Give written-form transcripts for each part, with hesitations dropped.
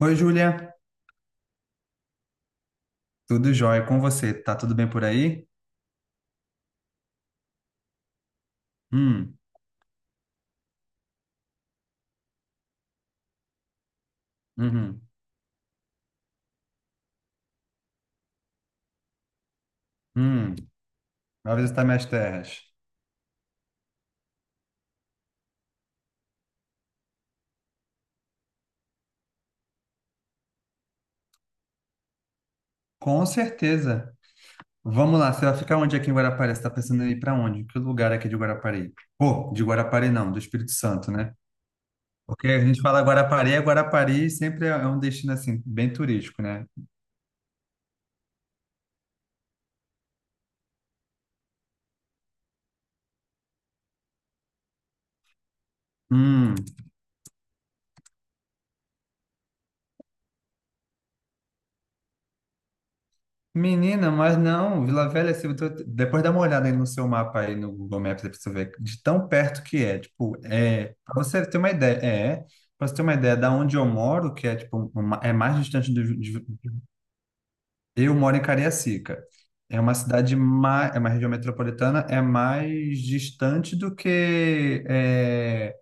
Oi, Júlia. Tudo jóia com você? Tá tudo bem por aí? Hum, uhum, hum. Vai visitar minhas terras. Com certeza. Vamos lá, você vai ficar onde aqui em Guarapari? Você tá pensando em ir para onde? Que lugar aqui de Guarapari? Pô, de Guarapari não, do Espírito Santo, né? Porque a gente fala Guarapari, é Guarapari sempre é um destino assim, bem turístico, né? Hum. Menina, mas não, Vila Velha, se eu tô- depois dá uma olhada aí no seu mapa aí no Google Maps, aí pra você ver de tão perto que é. Tipo, para você ter uma ideia, da onde eu moro, que é tipo, é mais distante eu moro em Cariacica. É uma cidade mais, é uma região metropolitana, é mais distante do que é,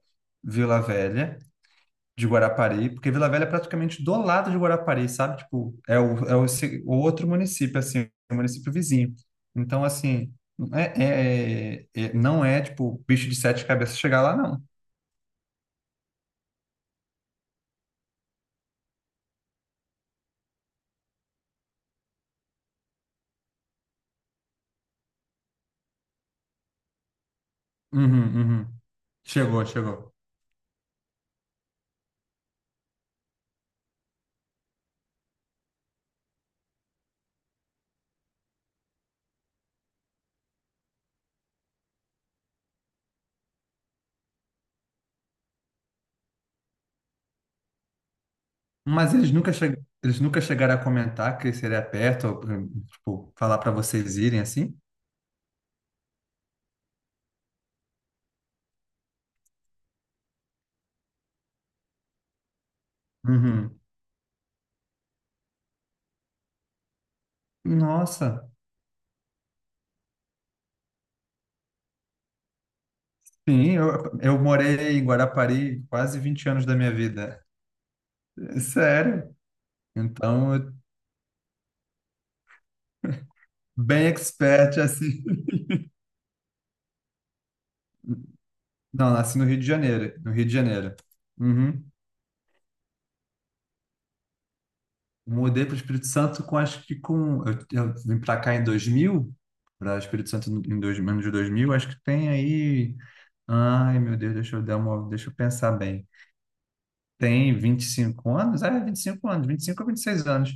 Vila Velha de Guarapari, porque Vila Velha é praticamente do lado de Guarapari, sabe? Tipo, é o, é o, se- o outro município, assim, o município vizinho. Então, assim, não é, tipo, bicho de sete cabeças chegar lá, não. Uhum, uhum. Chegou, chegou. Mas eles nunca, che... Eles nunca chegaram a comentar que seria perto, ou, tipo, falar para vocês irem, assim? Uhum. Nossa, sim, eu morei em Guarapari quase 20 anos da minha vida. Sério? Então, bem expert, assim. Não, nasci no Rio de Janeiro. No Rio de Janeiro. Uhum. Mudei para o Espírito Santo com, acho que com... Eu vim para cá em 2000 para Espírito Santo em dois, menos de 2000. Acho que tem aí... Ai, meu Deus, deixa eu dar uma... Deixa eu pensar bem. Tem 25 anos? É, 25 anos, 25 a 26 anos.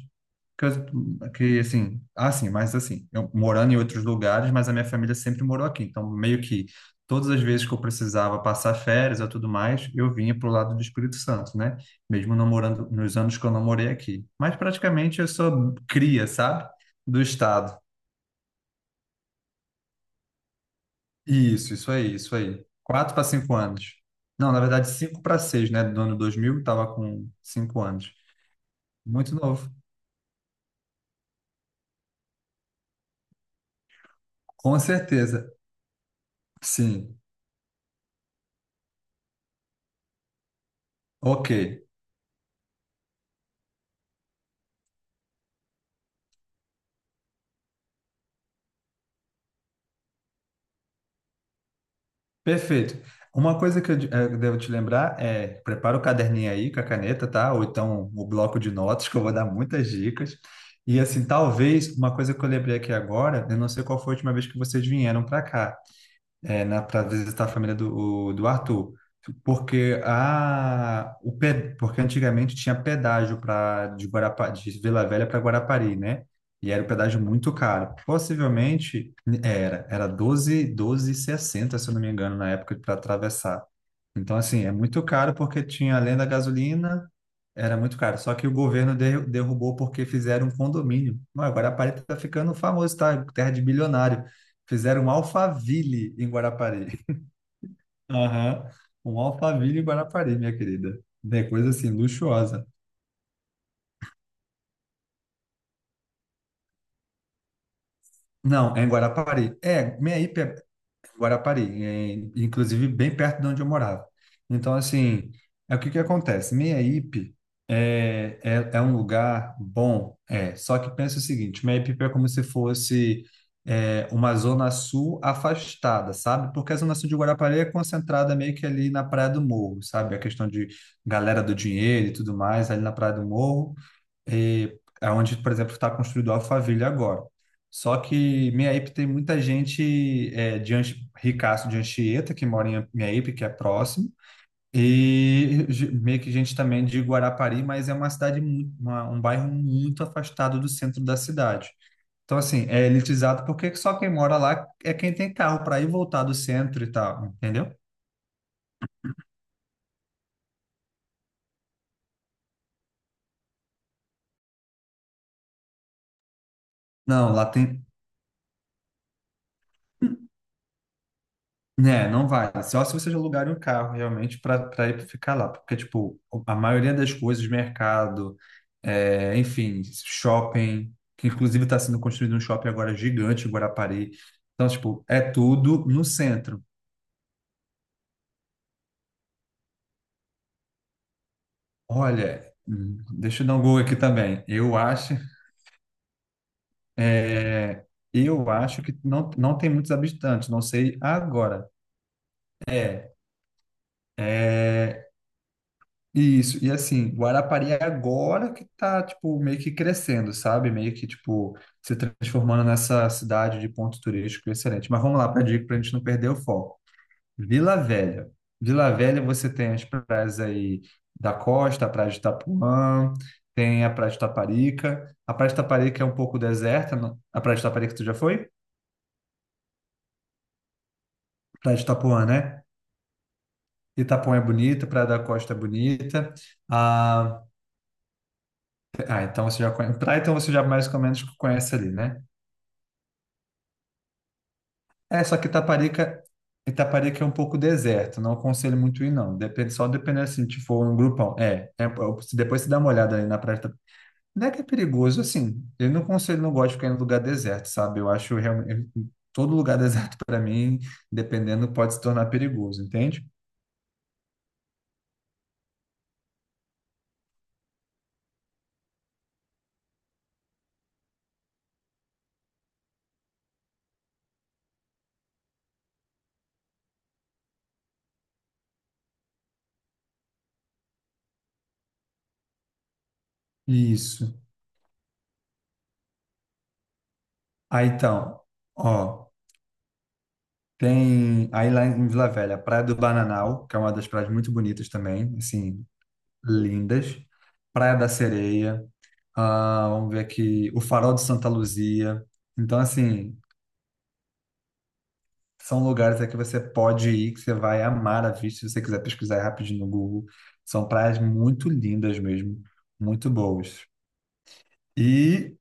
Que, assim, mas assim, eu morando em outros lugares, mas a minha família sempre morou aqui. Então, meio que todas as vezes que eu precisava passar férias ou tudo mais, eu vinha para o lado do Espírito Santo, né? Mesmo não morando nos anos que eu não morei aqui. Mas praticamente eu sou cria, sabe? Do estado. Isso aí, isso aí. Quatro para cinco anos. Não, na verdade, cinco para seis, né? Do ano 2000, estava com cinco anos. Muito novo. Com certeza, sim. Ok, perfeito. Uma coisa que eu devo te lembrar é, prepara o caderninho aí com a caneta, tá? Ou então o bloco de notas, que eu vou dar muitas dicas. E assim, talvez, uma coisa que eu lembrei aqui agora, eu não sei qual foi a última vez que vocês vieram para cá, para visitar a família do Arthur. Porque, a, o, pe- Porque antigamente tinha pedágio de Vila Velha para Guarapari, né? E era um pedágio muito caro. Possivelmente era 12, sessenta, se eu não me engano, na época para atravessar. Então, assim, é muito caro porque tinha, além da gasolina, era muito caro. Só que o governo derrubou porque fizeram um condomínio. Não, Guarapari está ficando famoso, tá? Terra de bilionário. Fizeram um Alphaville em Guarapari. Aham. Um Alphaville em Guarapari, minha querida. É coisa assim, luxuosa. Não, é em Guarapari. É, minha IP é Guarapari, é, inclusive bem perto de onde eu morava. Então, assim, é o que que acontece? Minha IP é um lugar bom, é. Só que pensa o seguinte, minha IP é como se fosse uma zona sul afastada, sabe? Porque a zona sul de Guarapari é concentrada meio que ali na Praia do Morro, sabe? A questão de galera do dinheiro e tudo mais, ali na Praia do Morro. E aonde, por exemplo, está construído a Alphaville agora. Só que Meiaípe tem muita gente de Ricaço de Anchieta, que mora em Meiaípe, que é próximo, e meio que gente também de Guarapari, mas é uma cidade, um bairro muito afastado do centro da cidade. Então, assim, é elitizado porque só quem mora lá é quem tem carro para ir e voltar do centro e tal, entendeu? Não, lá tem. Né, não vale. Só se vocês alugarem um carro realmente para ir ficar lá. Porque, tipo, a maioria das coisas, mercado, é, enfim, shopping, que inclusive está sendo construído um shopping agora gigante em Guarapari. Então, tipo, é tudo no centro. Olha, deixa eu dar um Google aqui também. É, eu acho que não, não tem muitos habitantes, não sei agora. É, é, Isso, e assim, Guarapari é agora que tá, tipo, meio que crescendo, sabe? Meio que, tipo, se transformando nessa cidade de ponto turístico excelente. Mas vamos lá para a dica, para a gente não perder o foco. Vila Velha. Vila Velha você tem as praias aí da Costa, a Praia de Itapuã, tem a Praia de Taparica. A Praia de Taparica é um pouco deserta. A Praia de Taparica tu já foi? Praia de Itapuã, né? Itapuã é bonita, Praia da Costa é bonita. Ah, Ah, então você já conhece. Praia, então você já mais ou menos conhece ali, né? É, só que Itaparica é um pouco deserto, não aconselho muito ir, não. Depende, só depende assim, se for um grupão. Se depois você dá uma olhada ali na praia. Não é que é perigoso, assim. Eu não conselho, não gosto de ficar em lugar deserto, sabe? Eu acho realmente. Todo lugar deserto, para mim, dependendo, pode se tornar perigoso, entende? Isso. Aí então, ó, tem aí lá em Vila Velha, Praia do Bananal, que é uma das praias muito bonitas também, assim, lindas. Praia da Sereia, ah, vamos ver aqui, o Farol de Santa Luzia. Então, assim, são lugares aí que você pode ir, que você vai amar a vista, se você quiser pesquisar aí rapidinho no Google. São praias muito lindas mesmo, muito boas. E,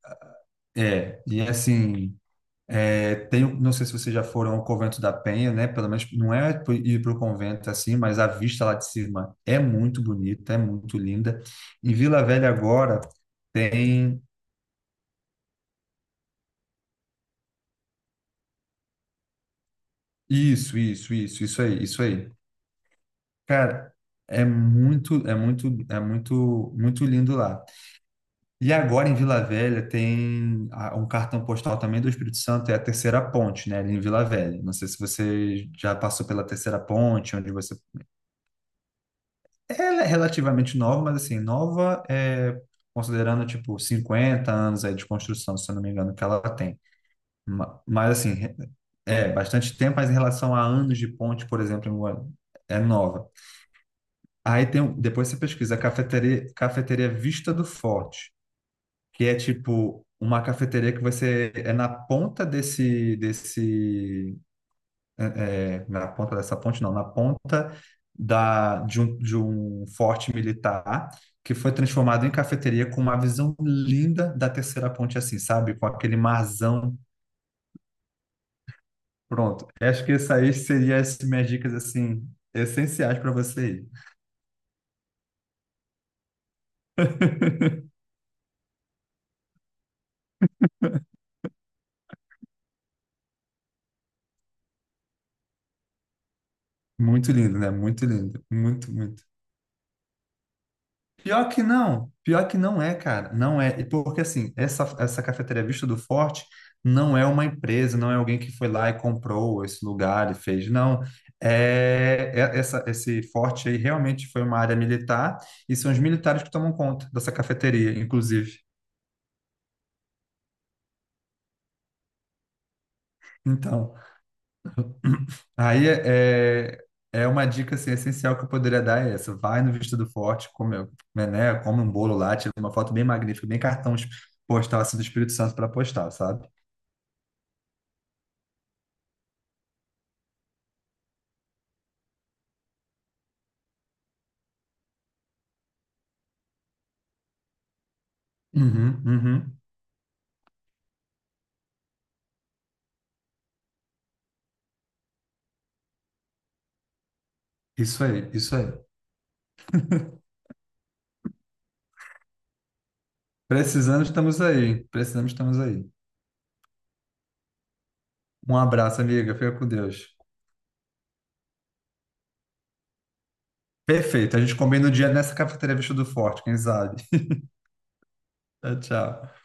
e assim, tem, não sei se vocês já foram ao Convento da Penha, né? Pelo menos não é ir para o convento assim, mas a vista lá de cima é muito bonita, é muito linda. Em Vila Velha agora, tem. Isso aí, isso aí. Cara, é muito, é muito, é muito, muito lindo lá. E agora em Vila Velha tem um cartão postal também do Espírito Santo, é a Terceira Ponte, né, ali em Vila Velha. Não sei se você já passou pela Terceira Ponte, onde você... Ela é relativamente nova, mas assim, nova é considerando, tipo, 50 anos aí de construção, se eu não me engano, que ela tem. Mas assim, é bastante tempo, mas em relação a anos de ponte, por exemplo, é nova. Aí tem, depois você pesquisa cafeteria, cafeteria Vista do Forte, que é tipo uma cafeteria que você é na ponta é, na ponta dessa ponte não, na ponta de um forte militar que foi transformado em cafeteria com uma visão linda da terceira ponte assim, sabe? Com aquele marzão. Pronto. Acho que isso aí seria as minhas dicas assim essenciais para você ir. Muito lindo, né? Muito lindo, muito, muito. Pior que não é, cara, não é. E porque assim, essa cafeteria Vista do Forte não é uma empresa, não é alguém que foi lá e comprou esse lugar e fez, não, essa, esse forte aí realmente foi uma área militar e são os militares que tomam conta dessa cafeteria, inclusive. Então, aí é uma dica assim, essencial que eu poderia dar é essa, vai no Vista do Forte, come, né, come um bolo lá, tira uma foto bem magnífica, bem cartão postal assim, do Espírito Santo para postar, sabe? Uhum, uhum. Isso aí, isso aí. Precisando, estamos aí. Precisamos, estamos aí. Um abraço, amiga. Fica com Deus. Perfeito. A gente combina o dia nessa cafeteria Vestido Forte, quem sabe? Tchau, tchau.